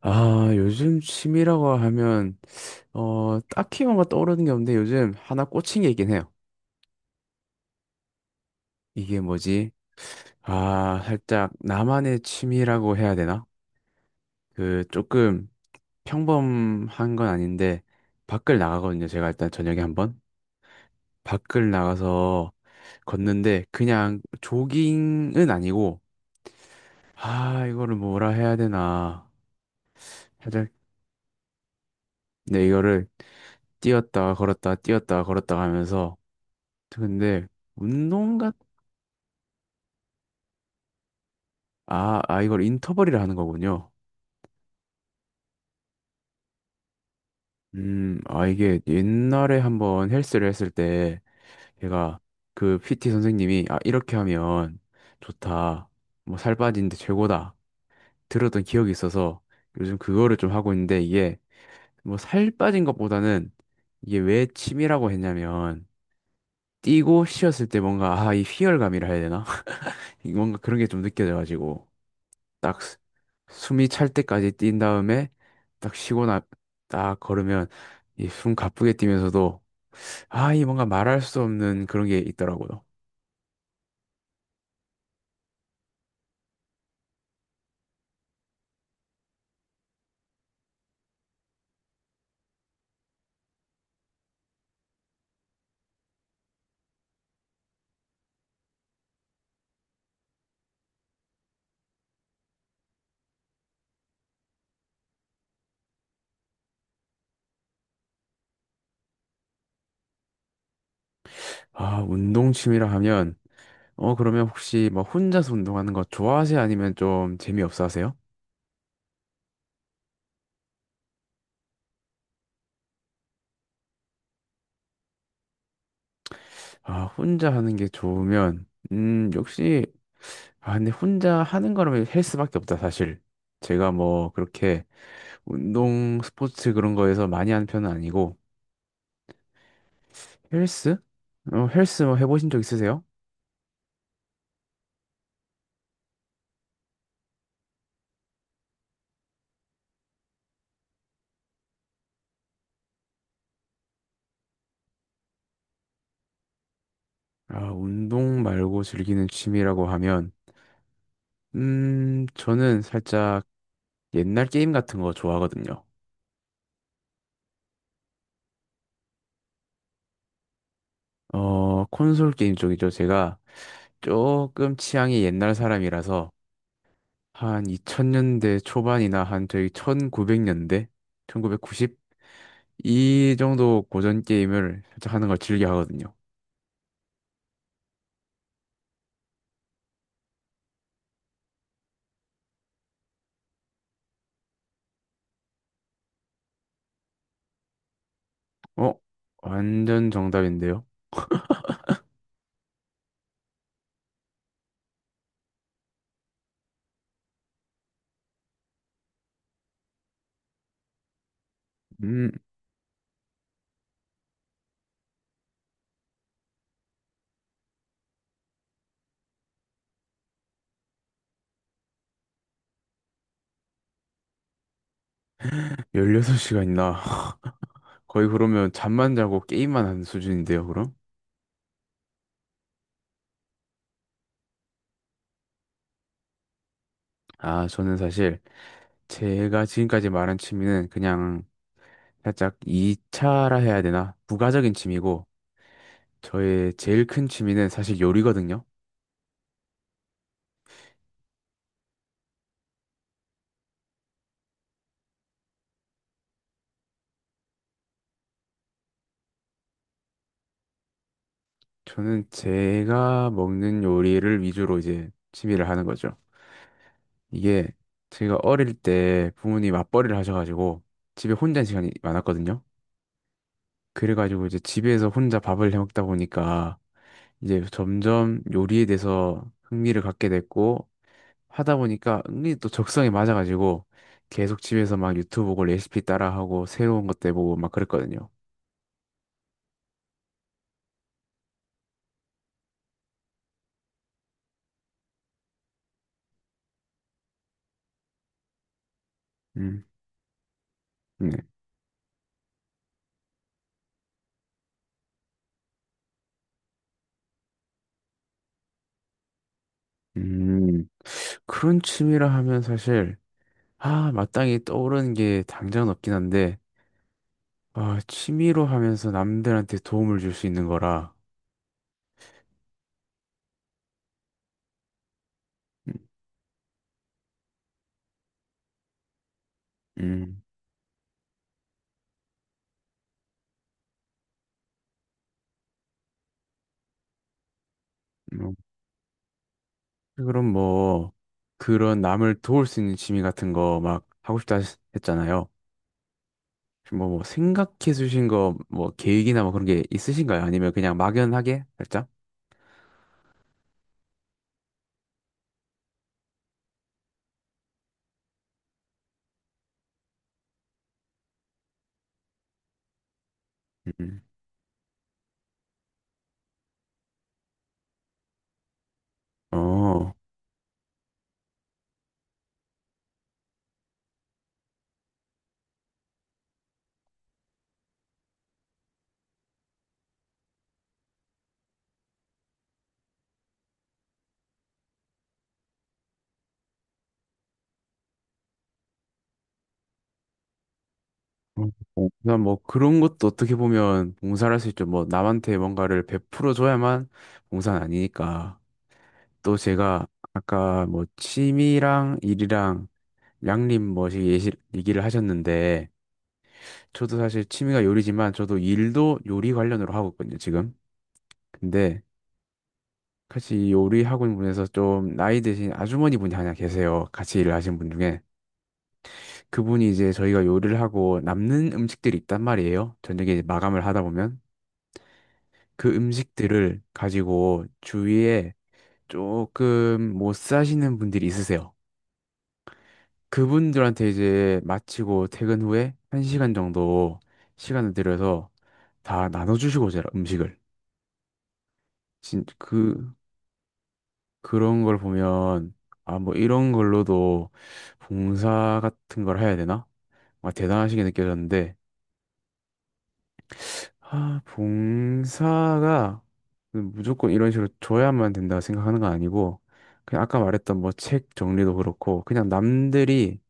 아, 요즘 취미라고 하면, 딱히 뭔가 떠오르는 게 없는데 요즘 하나 꽂힌 게 있긴 해요. 이게 뭐지? 아, 살짝 나만의 취미라고 해야 되나? 그, 조금 평범한 건 아닌데, 밖을 나가거든요. 제가 일단 저녁에 한번. 밖을 나가서 걷는데, 그냥 조깅은 아니고, 아, 이거를 뭐라 해야 되나. 살짝, 네, 이거를 뛰었다, 걸었다, 뛰었다, 걸었다 하면서, 근데, 운동. 아, 이걸 인터벌이라 하는 거군요. 아, 이게 옛날에 한번 헬스를 했을 때 제가 그 PT 선생님이, 아, 이렇게 하면 좋다. 뭐 살 빠지는데 최고다. 들었던 기억이 있어서 요즘 그거를 좀 하고 있는데, 이게 뭐 살 빠진 것보다는, 이게 왜 취미라고 했냐면 뛰고 쉬었을 때 뭔가, 아, 이 희열감이라 해야 되나? 이 뭔가 그런 게 좀 느껴져가지고 딱 숨이 찰 때까지 뛴 다음에 딱 쉬고 나, 딱 걸으면 이 숨 가쁘게 뛰면서도 아, 이 뭔가 말할 수 없는 그런 게 있더라고요. 아, 운동 취미라 하면 어, 그러면 혹시 뭐 혼자서 운동하는 거 좋아하세요? 아니면 좀 재미없어 하세요? 아, 혼자 하는 게 좋으면 역시, 아, 근데 혼자 하는 거라면 헬스밖에 없다, 사실. 제가 뭐 그렇게 운동 스포츠 그런 거에서 많이 하는 편은 아니고. 헬스? 어, 헬스 뭐 해보신 적 있으세요? 아, 운동 말고 즐기는 취미라고 하면, 저는 살짝 옛날 게임 같은 거 좋아하거든요. 어, 콘솔 게임 쪽이죠. 제가 조금 취향이 옛날 사람이라서, 한 2000년대 초반이나 한 저희 1900년대, 1990? 이 정도 고전 게임을 살짝 하는 걸 즐겨 하거든요. 어? 완전 정답인데요? 음... 16시간이나 거의 그러면 잠만 자고 게임만 하는 수준인데요, 그럼? 아, 저는 사실 제가 지금까지 말한 취미는 그냥 살짝 2차라 해야 되나? 부가적인 취미고 저의 제일 큰 취미는 사실 요리거든요. 저는 제가 먹는 요리를 위주로 이제 취미를 하는 거죠. 이게 제가 어릴 때 부모님이 맞벌이를 하셔가지고 집에 혼자 있는 시간이 많았거든요. 그래가지고 이제 집에서 혼자 밥을 해 먹다 보니까 이제 점점 요리에 대해서 흥미를 갖게 됐고 하다 보니까 은근히 또 적성에 맞아가지고 계속 집에서 막 유튜브 보고 레시피 따라하고 새로운 것도 해보고 막 그랬거든요. 음, 네. 음, 그런 취미라 하면 사실, 아, 마땅히 떠오르는 게 당장은 없긴 한데, 아, 취미로 하면서 남들한테 도움을 줄 수 있는 거라. 음, 음, 음. 그럼 뭐 그런 남을 도울 수 있는 취미 같은 거 막 하고 싶다 했잖아요. 뭐, 생각해 주신 거 뭐 계획이나 뭐 그런 게 있으신가요? 아니면 그냥 막연하게 살짝? 음. 어. 그냥 뭐 그런 것도 어떻게 보면 봉사할 수 있죠. 뭐 남한테 뭔가를 베풀어 줘야만 봉사는 아니니까. 또 제가 아까 뭐 취미랑 일이랑 양립 뭐이 얘기를 하셨는데, 저도 사실 취미가 요리지만 저도 일도 요리 관련으로 하고 있거든요, 지금. 근데 같이 이 요리 학원 분에서 좀 나이 드신 아주머니 분이 하나 계세요. 같이 일을 하시는 분 중에. 그분이 이제 저희가 요리를 하고 남는 음식들이 있단 말이에요. 저녁에 이제 마감을 하다 보면 그 음식들을 가지고 주위에 조금 못 사시는 분들이 있으세요. 그분들한테 이제 마치고 퇴근 후에 한시간 정도 시간을 들여서 다 나눠주시고 제가 음식을 진, 그 그런 걸 보면 아 뭐 이런 걸로도 봉사 같은 걸 해야 되나? 아, 대단하시게 느껴졌는데 아, 봉사가 무조건 이런 식으로 줘야만 된다 생각하는 건 아니고 그냥 아까 말했던 뭐 책 정리도 그렇고 그냥 남들이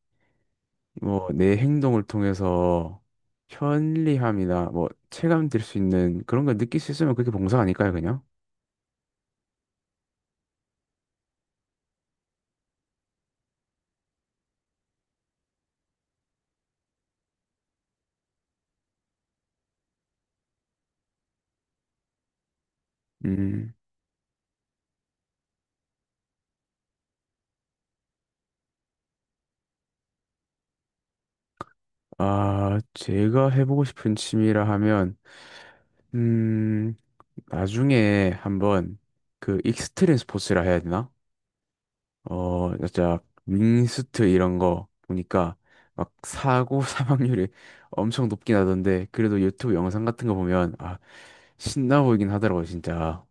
뭐 내 행동을 통해서 편리함이나 뭐 체감 될수 있는 그런 걸 느낄 수 있으면 그게 봉사 아닐까요 그냥? 음. 아, 제가 해보고 싶은 취미라 하면 음, 나중에 한번 그 익스트림 스포츠라 해야 되나? 어, 진짜 윙스트 이런 거 보니까 막 사고 사망률이 엄청 높긴 하던데 그래도 유튜브 영상 같은 거 보면 아, 신나 보이긴 하더라고 진짜.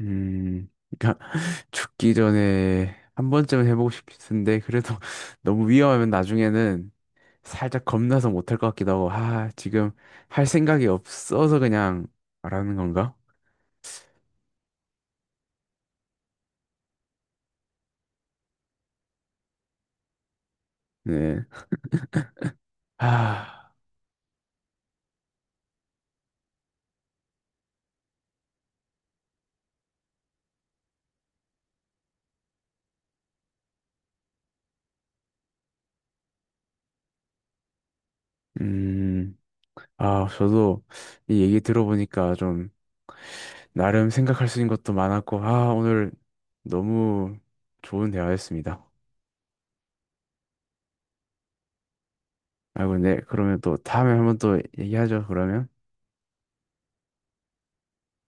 음, 그러니까 죽기 전에 한 번쯤은 해보고 싶은데 그래도 너무 위험하면 나중에는 살짝 겁나서 못 할 것 같기도 하고 아, 지금 할 생각이 없어서 그냥 말하는 건가? 네. 아. 음, 아, 저도 이 얘기 들어보니까 좀 나름 생각할 수 있는 것도 많았고, 아, 오늘 너무 좋은 대화였습니다. 아, 근데 그러면 또 다음에 한번 또 얘기하죠, 그러면.